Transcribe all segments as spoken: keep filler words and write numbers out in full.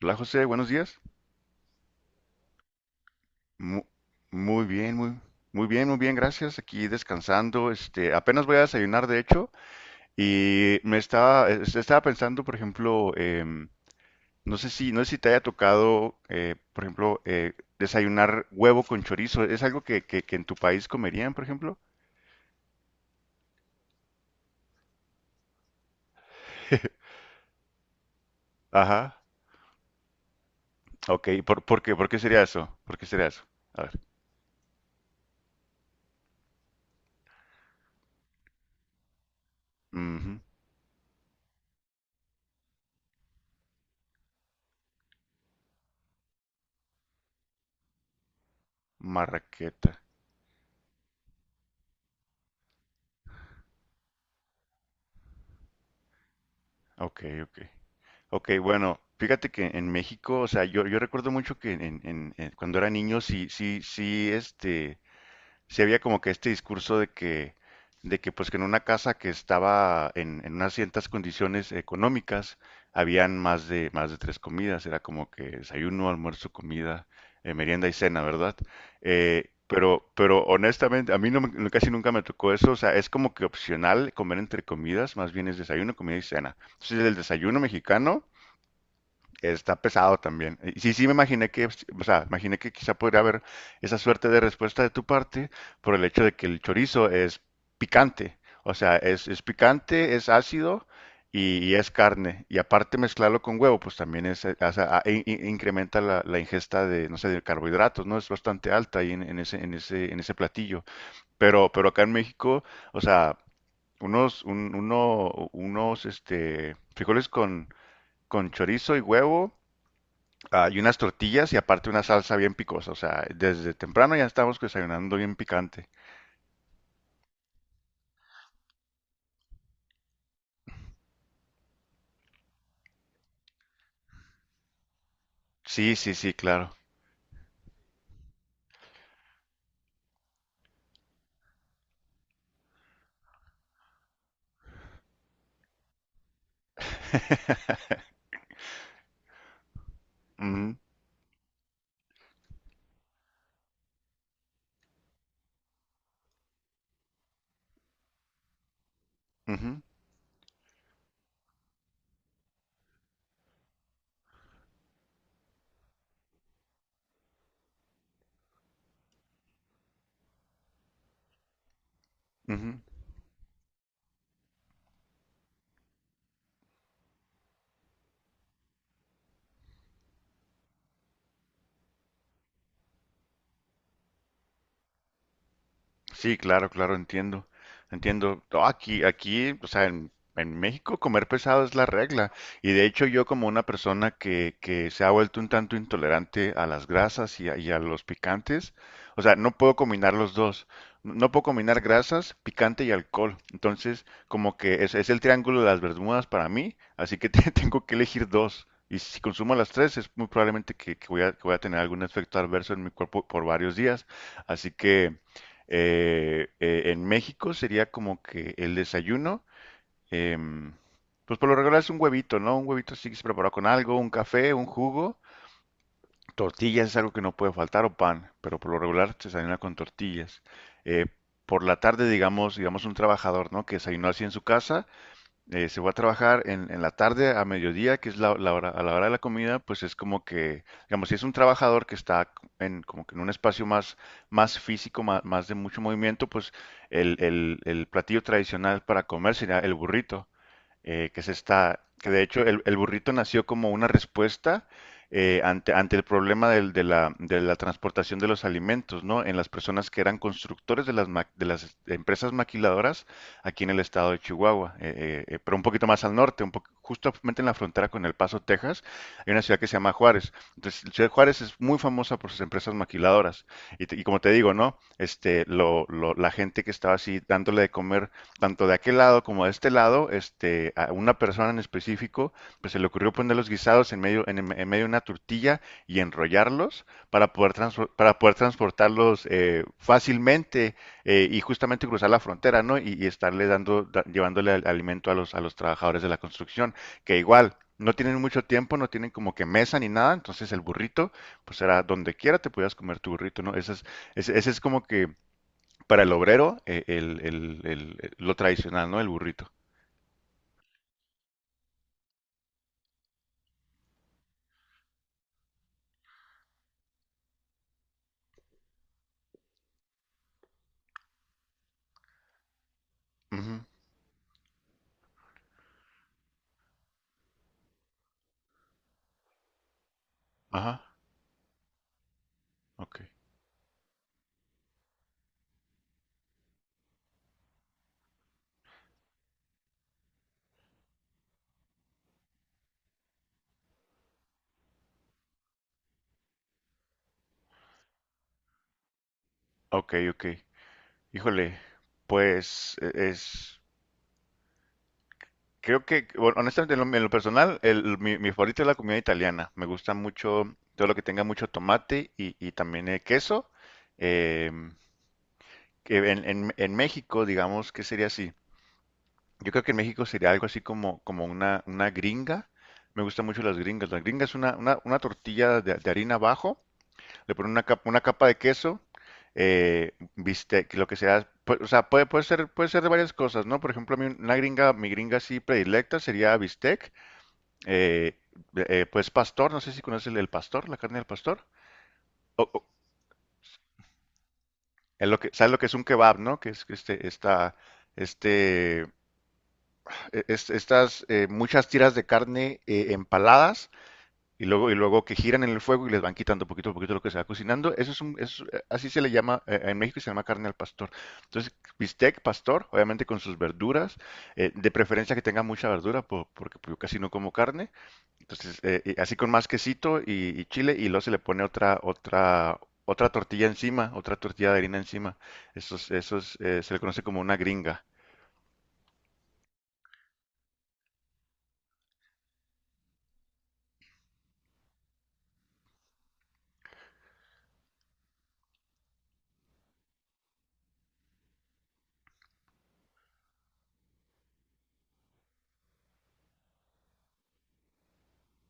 Hola José, buenos días. Mu- Muy bien, muy, muy bien, muy bien, gracias. Aquí descansando, este, apenas voy a desayunar de hecho y me estaba, es- estaba pensando, por ejemplo, em, no sé si, no sé si te haya tocado, eh, por ejemplo, eh, desayunar huevo con chorizo. ¿Es algo que, que, que en tu país comerían, por ejemplo? Ajá. Ok, ¿por, por qué, por qué sería eso? ¿Por qué sería eso? A ver. Ujú. Marraqueta. Ok, ok. Ok, bueno, fíjate que en México, o sea, yo, yo recuerdo mucho que en, en- en- cuando era niño sí, sí, sí, este, sí había como que este discurso de que, de que pues que en una casa que estaba en, en unas ciertas condiciones económicas, habían más de, más de tres comidas, era como que desayuno, almuerzo, comida, eh, merienda y cena, ¿verdad? Eh, pero, pero, honestamente, a mí no me- no, casi nunca me tocó eso, o sea, es como que opcional comer entre comidas, más bien es desayuno, comida y cena. Entonces el desayuno mexicano está pesado también. Y sí, sí, me imaginé que, o sea, imaginé que quizá podría haber esa suerte de respuesta de tu parte por el hecho de que el chorizo es picante. O sea, es, es picante, es ácido y, y es carne. Y aparte mezclarlo con huevo, pues también es, eh, hace- a- in- in- incrementa la, la ingesta de, no sé, de carbohidratos, ¿no? Es bastante alta ahí en, en ese, en ese, en ese platillo. Pero, pero acá en México, o sea, unos, un- uno, unos, este, frijoles con, con chorizo y huevo, ah, y unas tortillas y aparte una salsa bien picosa. O sea, desde temprano ya estamos desayunando bien picante. Sí, sí, sí, claro. Ujú, ujú, ujú. Sí, claro, claro, entiendo. Entiendo. No, aquí, aquí, o sea, en, en México comer pesado es la regla. Y de hecho yo como una persona que, que se ha vuelto un tanto intolerante a las grasas y a, y a los picantes, o sea, no puedo combinar los dos. No puedo combinar grasas, picante y alcohol. Entonces, como que es, es el triángulo de las Bermudas para mí, así que te- tengo que elegir dos. Y si consumo las tres, es muy probablemente que, que voy a, que voy a tener algún efecto adverso en mi cuerpo por varios días. Así que. Eh, eh, en México sería como que el desayuno, em, pues por lo regular es un huevito, ¿no? Un huevito así que se prepara con algo, un café, un jugo. Tortillas es algo que no puede faltar o pan, pero por lo regular se desayuna con tortillas. Eh, por la tarde, digamos, digamos un trabajador, ¿no? Que desayunó así en su casa, eh, se va a trabajar en, en la tarde a mediodía, que es la, la hora, a la hora de la comida, pues es como que, digamos, si es un trabajador que está en, como que en un espacio más, más físico, más, más de mucho movimiento, pues el, el, el platillo tradicional para comer sería el burrito, eh, que se está, que de hecho el, el burrito nació como una respuesta, eh, ante, ante el problema del- de la, de la transportación de los alimentos, ¿no? En las personas que eran constructores de las, ma- de las empresas maquiladoras aquí en el estado de Chihuahua, eh, eh, eh, pero un poquito más al norte, un po- justamente en la frontera con El Paso, Texas, hay una ciudad que se llama Juárez. Entonces, la ciudad de Juárez es muy famosa por sus empresas maquiladoras. Y, te- y como te digo, ¿no? Este, lo, lo- la gente que estaba así dándole de comer tanto de aquel lado como de este lado, este, a una persona en específico, pues se le ocurrió poner los guisados en medio, en, en medio de una tortilla y enrollarlos para poder, transfor- para poder transportarlos eh, fácilmente, eh, y justamente cruzar la frontera, ¿no? Y, y estarle dando, da- llevándole al- alimento a los, a los trabajadores de la construcción, que igual no tienen mucho tiempo, no tienen como que mesa ni nada, entonces el burrito, pues era donde quiera te podías comer tu burrito, ¿no? Ese es, ese, ese es como que para el obrero, eh, el, el- el- el- lo tradicional, ¿no? El burrito. Ujú. Ajá. Ok. Ok, ok. Híjole, pues e- es... Creo que, bueno, honestamente, en lo, en lo personal, el, mi, mi favorito es la comida italiana. Me gusta mucho todo lo que tenga mucho tomate y, y también eh, queso. Em, que en, en- en México, digamos, ¿qué sería así? Yo creo que en México sería algo así como, como una, una gringa. Me gustan mucho las gringas. La gringa es una, una, una tortilla de, de harina abajo, le ponen una capa, una capa de queso, eh, bistec, lo que sea. Pu- O sea, puede, puede ser, puede ser de varias cosas, ¿no? Por ejemplo, a mí una gringa, mi gringa así predilecta sería bistec, eh, eh, pues pastor, no sé si conoces el, el pastor, la carne del pastor. O, o- es lo que, ¿sabes lo que es un kebab, no? Que es que este, esta, este, e-, es- estas eh, muchas tiras de carne eh, empaladas. Y luego, y luego que giran en el fuego y les van quitando poquito a poquito lo que se va cocinando. Eso es un, es- así se le llama, eh, en México se llama carne al pastor. Entonces, bistec pastor, obviamente con sus verduras, eh, de preferencia que tenga mucha verdura, po- porque pues, yo casi no como carne. Entonces, eh, y así con más quesito y, y chile, y luego se le pone otra, otra, otra tortilla encima, otra tortilla de harina encima. Eso, es- eso es, eh, se le conoce como una gringa.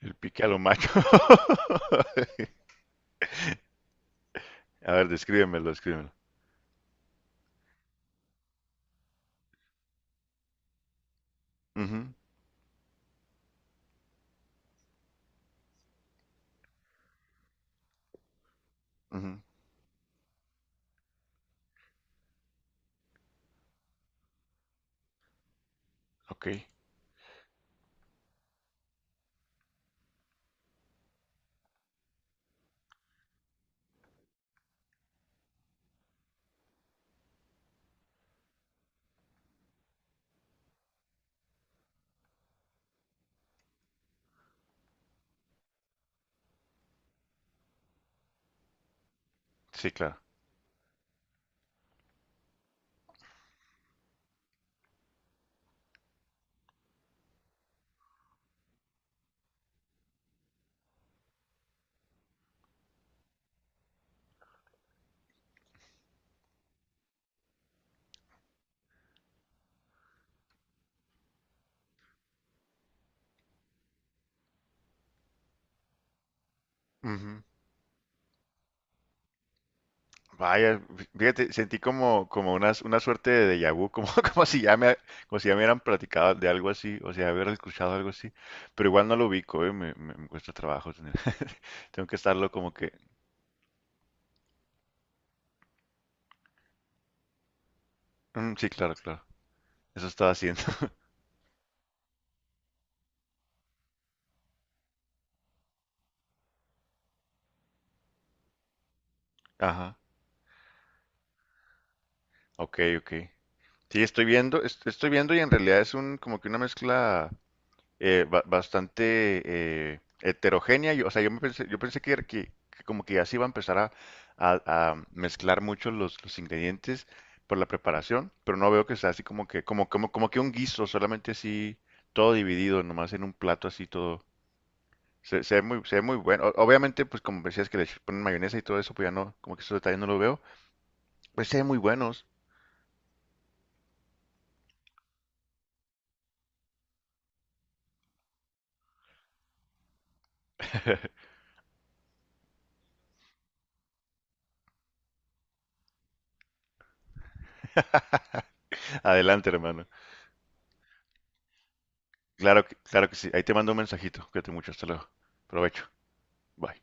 El pique a lo macho. A ver, descríbemelo, descríbemelo. Ujú, ujú, ok. Sí, claro. Ujú. Vaya, fí- fíjate, sentí como, como una, una suerte de déjà vu, como, como si ya me, como si ya me hubieran platicado de algo así, o sea, haber escuchado algo así, pero igual no lo ubico, ¿eh? Me, me- me cuesta trabajo tener- Tengo que estarlo como que, "Mm, sí, claro, claro, eso estaba haciendo". Ajá, ok, ok. Sí, estoy viendo, est- estoy viendo y en realidad es un, como que una mezcla eh, ba- bastante eh, heterogénea. Yo, o sea, yo me pensé, yo pensé que, era- que- que como que ya se iba a empezar a, a- a mezclar mucho los, los ingredientes por la preparación, pero no veo que sea así como que, como, como, como que un guiso, solamente así todo dividido, nomás en un plato así todo. Se, se ve muy, se ve muy bueno. O- obviamente, pues como decías que le ponen mayonesa y todo eso, pues ya no, como que esos detalles no lo veo. Pues se ven muy buenos. Adelante, hermano. Claro que, claro que sí. Ahí te mando un mensajito. Cuídate mucho. Hasta luego. Provecho. Bye.